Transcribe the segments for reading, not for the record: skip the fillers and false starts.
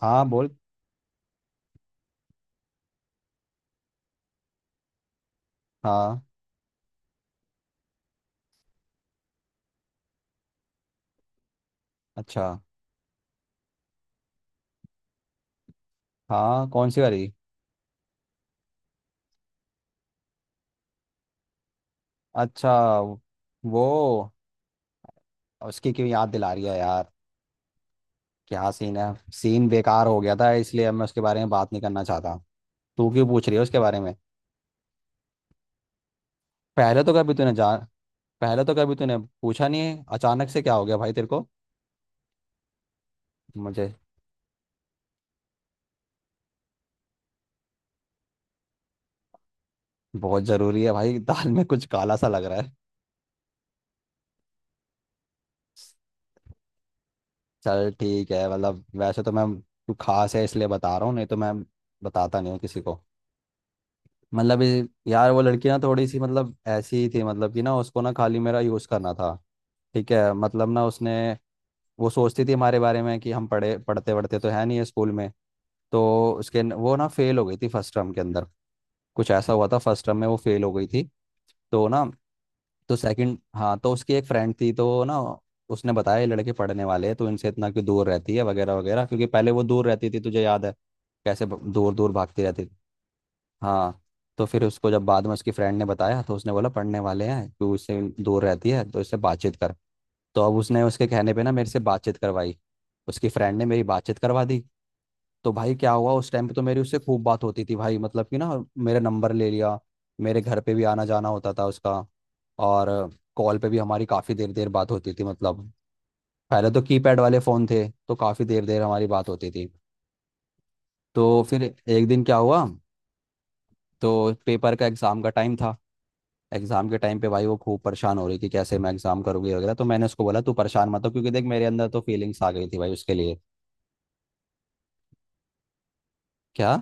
हाँ बोल। हाँ। अच्छा। हाँ, कौन सी वाली। अच्छा। वो उसकी क्यों याद दिला रही है यार। क्या सीन है। सीन बेकार हो गया था, इसलिए अब मैं उसके बारे में बात नहीं करना चाहता। तू क्यों पूछ रही है उसके बारे में। पहले तो कभी तूने जान पहले तो कभी तूने पूछा नहीं है, अचानक से क्या हो गया भाई तेरे को। मुझे। बहुत ज़रूरी है भाई। दाल में कुछ काला सा लग रहा है। चल ठीक है, मतलब वैसे तो मैं। तू खास है इसलिए बता रहा हूँ, नहीं तो मैं बताता नहीं हूँ किसी को। मतलब यार वो लड़की ना थोड़ी सी मतलब ऐसी ही थी, मतलब कि ना उसको ना खाली मेरा यूज़ करना था। ठीक है मतलब ना उसने। वो सोचती थी हमारे बारे में कि हम पढ़े पढ़ते पढ़ते तो है नहीं है स्कूल में। तो उसके वो ना फेल हो गई थी फर्स्ट टर्म के अंदर। कुछ ऐसा हुआ था फर्स्ट टर्म में, वो फेल हो गई थी। तो ना, तो सेकंड, हाँ तो उसकी एक फ्रेंड थी तो ना। उसने बताया ये लड़के पढ़ने वाले हैं तो इनसे इतना क्यों दूर रहती है वगैरह वगैरह, क्योंकि पहले वो दूर रहती थी, तुझे याद है। कैसे दूर दूर भागती रहती। हाँ। तो फिर उसको जब बाद में उसकी फ्रेंड ने बताया तो उसने बोला पढ़ने वाले हैं, तू उससे दूर रहती है, तो उससे बातचीत कर। तो अब उसने उसके कहने पे ना मेरे से बातचीत करवाई। उसकी फ्रेंड ने मेरी बातचीत करवा दी। तो भाई क्या हुआ, उस टाइम पे तो मेरी उससे खूब बात होती थी भाई, मतलब कि ना। मेरा नंबर ले लिया। मेरे घर पे भी आना जाना होता था उसका। और कॉल पे भी हमारी काफ़ी देर देर बात होती थी मतलब। पहले तो कीपैड वाले फ़ोन थे तो काफ़ी देर देर हमारी बात होती थी। तो फिर एक दिन क्या हुआ। तो पेपर का एग्ज़ाम का टाइम था। एग्जाम के टाइम पे भाई वो खूब परेशान हो रही कि कैसे मैं एग्जाम करूंगी वगैरह, तो मैंने उसको बोला तू परेशान मत हो, क्योंकि देख मेरे अंदर तो फीलिंग्स आ गई थी भाई उसके लिए। क्या।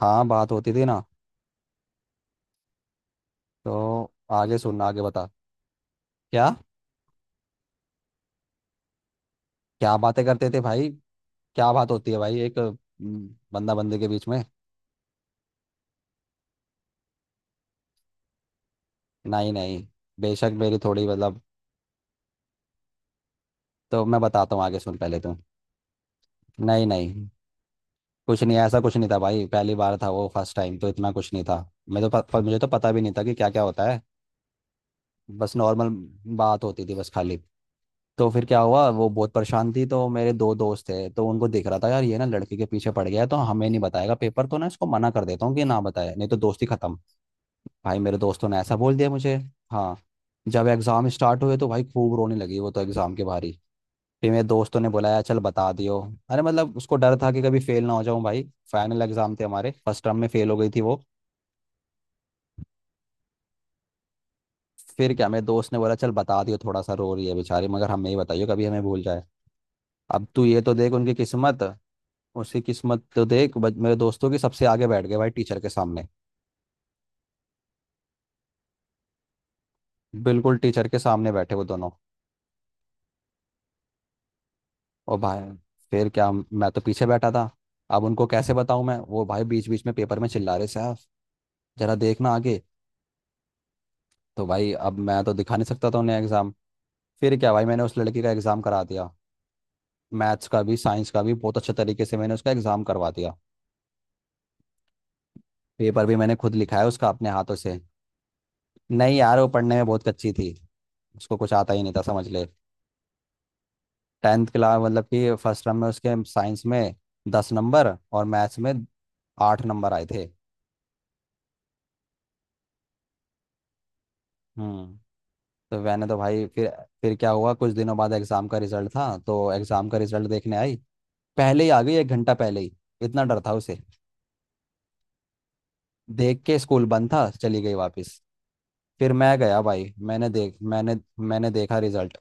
हाँ बात होती थी ना। तो आगे सुनना, आगे बता। क्या। क्या बातें करते थे भाई। क्या बात होती है भाई एक बंदा बंदे के बीच में। नहीं नहीं, बेशक मेरी थोड़ी मतलब। तो मैं बताता हूँ आगे सुन पहले तू। नहीं नहीं, कुछ नहीं, ऐसा कुछ नहीं था भाई, पहली बार था वो, फर्स्ट टाइम तो इतना कुछ नहीं था। मैं तो प, प, मुझे तो पता भी नहीं था कि क्या क्या होता है। बस नॉर्मल बात होती थी बस खाली। तो फिर क्या हुआ, वो बहुत परेशान थी, तो मेरे दो दोस्त थे, तो उनको दिख रहा था यार ये ना लड़के के पीछे पड़ गया है, तो हमें नहीं बताएगा पेपर, तो ना इसको मना कर देता हूँ कि ना बताए नहीं तो दोस्ती खत्म। भाई मेरे दोस्तों ने ऐसा बोल दिया मुझे। हाँ। जब एग्जाम स्टार्ट हुए तो भाई खूब रोने लगी वो तो एग्जाम के बाहर ही। फिर मेरे दोस्तों ने बुलाया, चल बता दियो। अरे मतलब उसको डर था कि कभी फेल ना हो जाऊं भाई। फाइनल एग्जाम थे हमारे, फर्स्ट टर्म में फेल हो गई थी वो। फिर क्या, मेरे दोस्त ने बोला चल बता दियो, थोड़ा सा रो रही है बेचारी, मगर हमें ही बताइयो, कभी हमें भूल जाए। अब तू ये तो देख उनकी किस्मत। उसकी किस्मत तो देख मेरे दोस्तों की, सबसे आगे बैठ गए भाई टीचर के सामने। बिल्कुल टीचर के सामने बैठे वो दोनों। और भाई। फिर क्या, मैं तो पीछे बैठा था। अब उनको कैसे बताऊं मैं, वो भाई बीच बीच में पेपर में चिल्ला रहे साहब, जरा देखना आगे। तो भाई अब मैं तो दिखा नहीं सकता था उन्हें एग्जाम। फिर क्या भाई, मैंने उस लड़की का एग्जाम करा दिया। मैथ्स का भी, साइंस का भी, बहुत अच्छे तरीके से मैंने उसका एग्जाम करवा दिया। पेपर भी मैंने खुद लिखा है उसका अपने हाथों से। नहीं यार, वो पढ़ने में बहुत कच्ची थी। उसको कुछ आता ही नहीं था, समझ ले। टेंथ क्लास, मतलब कि फर्स्ट टर्म में उसके साइंस में 10 नंबर और मैथ्स में 8 नंबर आए थे। हम्म। तो मैंने तो भाई फिर। फिर क्या हुआ, कुछ दिनों बाद एग्ज़ाम का रिजल्ट था, तो एग्ज़ाम का रिजल्ट देखने आई। पहले ही आ गई, एक घंटा पहले ही। इतना डर था उसे। देख के स्कूल बंद था, चली गई वापस। फिर मैं गया भाई, मैंने देख मैंने। मैंने देखा रिजल्ट।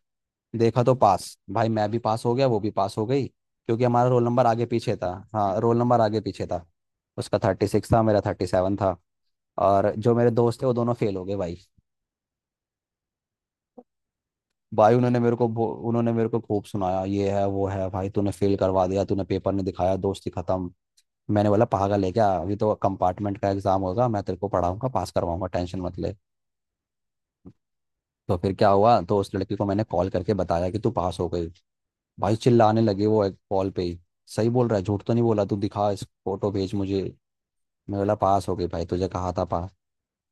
देखा तो पास, भाई मैं भी पास हो गया, वो भी पास हो गई, क्योंकि हमारा रोल नंबर आगे पीछे था, हाँ रोल नंबर आगे पीछे था। उसका 36 था, मेरा 37 था। और जो मेरे दोस्त थे वो दोनों फेल हो गए भाई। भाई उन्होंने मेरे को खूब सुनाया ये है वो है, भाई तूने फेल करवा दिया, तूने पेपर नहीं दिखाया, दोस्ती खत्म। मैंने बोला पागल है क्या, अभी तो कंपार्टमेंट का एग्जाम होगा, मैं तेरे को पढ़ाऊंगा, पास करवाऊंगा, टेंशन मत ले। तो फिर क्या हुआ, तो उस लड़की को मैंने कॉल करके बताया कि तू पास हो गई। भाई चिल्लाने लगे वो एक कॉल पे ही। सही बोल रहा है, झूठ तो नहीं बोला, तू दिखा, इस फोटो भेज मुझे। मैं बोला पास हो गई भाई, तुझे कहा था पास।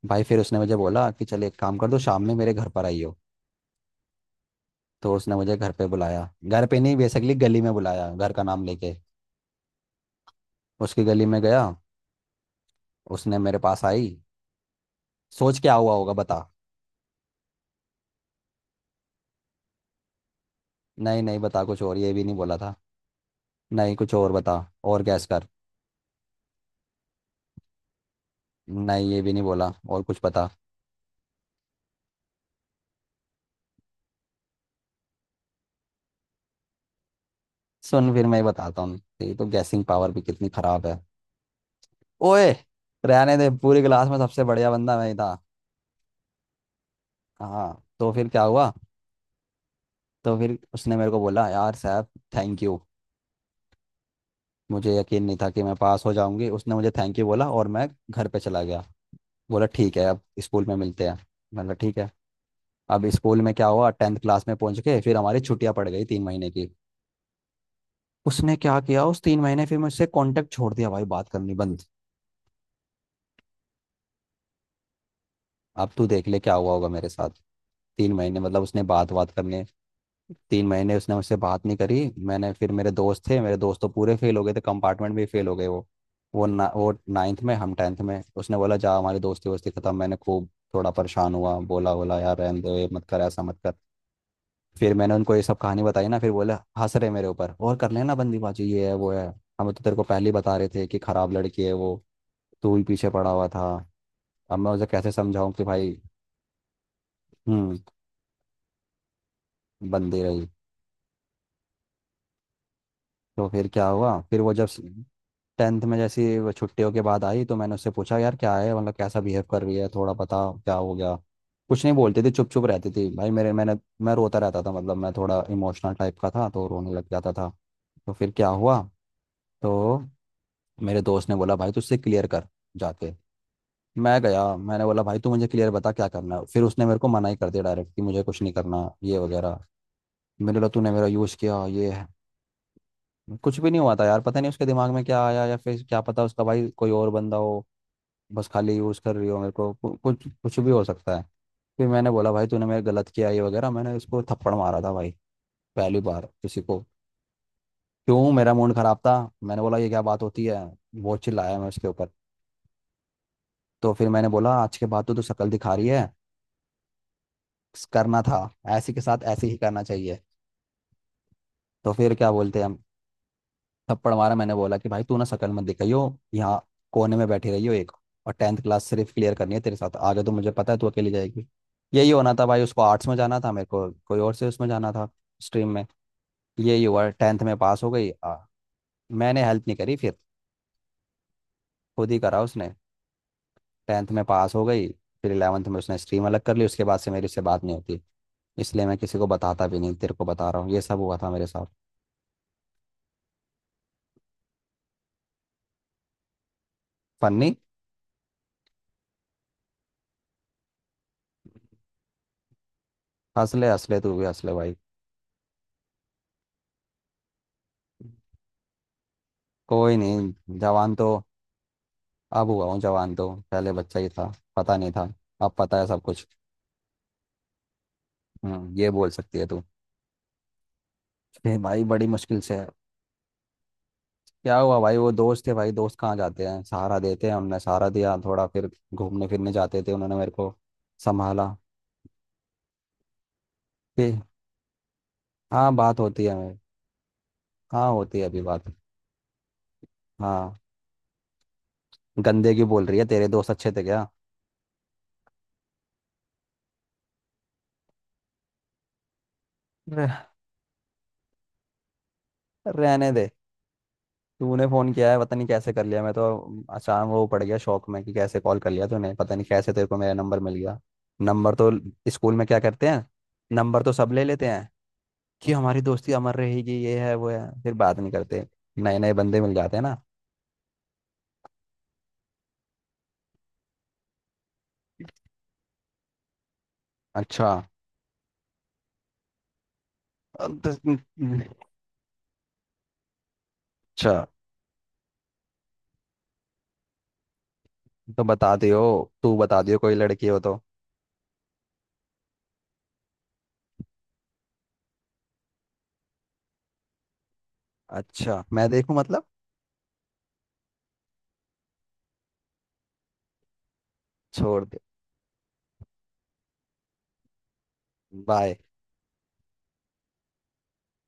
भाई फिर उसने मुझे बोला कि चल एक काम कर, दो शाम में मेरे घर पर आई हो। तो उसने मुझे घर पे बुलाया, घर पे नहीं बेसिकली गली में बुलाया, घर का नाम लेके। उसकी गली में गया। उसने मेरे पास आई। सोच क्या हुआ होगा, बता। नहीं नहीं, बता कुछ और, ये भी नहीं बोला था। नहीं, कुछ और बता। और गैस कर। नहीं, ये भी नहीं बोला, और कुछ बता। सुन फिर मैं बताता हूँ, तेरी तो गैसिंग पावर भी कितनी खराब है। ओए। रहने दे, पूरी क्लास में सबसे बढ़िया बंदा मैं ही था। हाँ तो फिर क्या हुआ। तो फिर उसने मेरे को बोला यार साहब थैंक यू, मुझे यकीन नहीं था कि मैं पास हो जाऊंगी, उसने मुझे थैंक यू बोला और मैं घर पे चला गया। बोला ठीक है, अब स्कूल में मिलते हैं। मतलब ठीक है। अब स्कूल में क्या हुआ, टेंथ क्लास में पहुंच के फिर हमारी छुट्टियां पड़ गई 3 महीने की। उसने क्या किया, उस 3 महीने फिर मुझसे कांटेक्ट छोड़ दिया भाई, बात करनी बंद। अब तू देख ले क्या हुआ होगा मेरे साथ। 3 महीने, मतलब उसने बात बात करने। 3 महीने उसने मुझसे बात नहीं करी। मैंने फिर, मेरे दोस्त थे, मेरे दोस्त तो पूरे फेल हो गए थे, कंपार्टमेंट भी फेल हो गए वो। वो ना वो नाइन्थ में, हम टेंथ में, उसने बोला जा हमारी दोस्ती वोस्ती खत्म, मैंने खूब। थोड़ा परेशान हुआ, बोला बोला यार रहने दो, ये मत कर, ऐसा मत कर। फिर मैंने उनको ये सब कहानी बताई ना, फिर बोले। हंस रहे मेरे ऊपर, और कर लेना बंदीबाजी, ये है वो है। हम तो तेरे को पहले ही बता रहे थे कि खराब लड़की है वो, तू ही पीछे पड़ा हुआ था। अब मैं उसे कैसे समझाऊं कि भाई। हम्म। बंदी रही। तो फिर क्या हुआ, फिर वो जब टेंथ में जैसी वो छुट्टियों के बाद आई, तो मैंने उससे पूछा यार क्या है, मतलब कैसा बिहेव कर रही है, थोड़ा बता क्या हो गया। कुछ नहीं बोलती थी, चुप चुप रहती थी भाई, मेरे मैंने। मैं रोता रहता था, मतलब मैं थोड़ा इमोशनल टाइप का था तो रोने लग जाता था। तो फिर क्या हुआ। तो मेरे दोस्त ने बोला भाई तू उससे क्लियर कर जाके। मैं गया, मैंने बोला भाई तू मुझे क्लियर बता क्या करना है, फिर उसने मेरे को मना ही कर दिया डायरेक्ट कि मुझे कुछ नहीं करना ये वगैरह। मेरे बोला तूने मेरा यूज़ किया ये। कुछ भी नहीं हुआ था यार, पता नहीं उसके दिमाग में क्या आया, या फिर क्या पता उसका भाई कोई और बंदा हो, बस खाली यूज़ कर रही हो मेरे को, कुछ कुछ भी हो सकता है। फिर मैंने बोला भाई तूने मेरे गलत किया ये वगैरह, मैंने उसको थप्पड़ मारा था भाई। पहली बार किसी को। क्यों, मेरा मूड खराब था। मैंने बोला ये क्या बात होती है। वो चिल्लाया मैं उसके ऊपर। तो फिर मैंने बोला आज के बाद तो तू शक्ल दिखा रही है। करना था, ऐसी के साथ ऐसे ही करना चाहिए। तो फिर क्या बोलते हैं। थप्पड़ मारा, मैंने बोला कि भाई तू ना शक्ल मत दिखाइयो यहाँ, कोने में बैठी रही हो एक, और टेंथ क्लास सिर्फ क्लियर करनी है तेरे साथ, आगे तो मुझे पता है तू अकेली जाएगी। यही होना था भाई, उसको आर्ट्स में जाना था, मेरे को कोई और से उसमें जाना था, स्ट्रीम में। यही हुआ, टेंथ में पास हो गई। मैंने हेल्प नहीं करी फिर। खुद ही करा उसने। टेंथ में पास हो गई। फिर इलेवंथ में उसने स्ट्रीम अलग कर ली, उसके बाद से मेरी उससे बात नहीं होती। इसलिए मैं किसी को बताता भी नहीं, तेरे को बता रहा हूँ ये सब हुआ था मेरे साथ। फन्नी। हंस ले, हंस ले, तू भी हंस ले भाई। कोई नहीं। जवान तो। अब हुआ हूँ जवान, तो पहले बच्चा ही था, पता नहीं था। अब पता है सब कुछ। ये बोल सकती है तू। फिर भाई बड़ी मुश्किल से है। क्या हुआ भाई, वो दोस्त थे भाई, दोस्त कहाँ जाते हैं, सहारा देते हैं, हमने सहारा दिया थोड़ा, फिर घूमने फिरने जाते थे, उन्होंने मेरे को संभाला। फिर। हाँ बात होती है मेरे। हाँ, होती है अभी बात। हाँ। गंदे की बोल रही है, तेरे दोस्त अच्छे थे क्या। रह, रहने दे। तूने फोन किया है, पता नहीं कैसे कर लिया, मैं तो। अचानक वो पड़ गया शौक में कि कैसे कॉल कर लिया तूने, पता नहीं कैसे तेरे को मेरा नंबर मिल गया। नंबर तो, स्कूल में क्या करते हैं, नंबर तो सब ले लेते हैं कि हमारी दोस्ती अमर रहेगी ये है वो है, फिर बात नहीं करते। नए नए बंदे मिल जाते हैं ना। अच्छा। अब तो- अच्छा। तो बता दियो, तू बता दियो कोई लड़की हो तो। अच्छा मैं देखूं मतलब। छोड़ दे। बाय।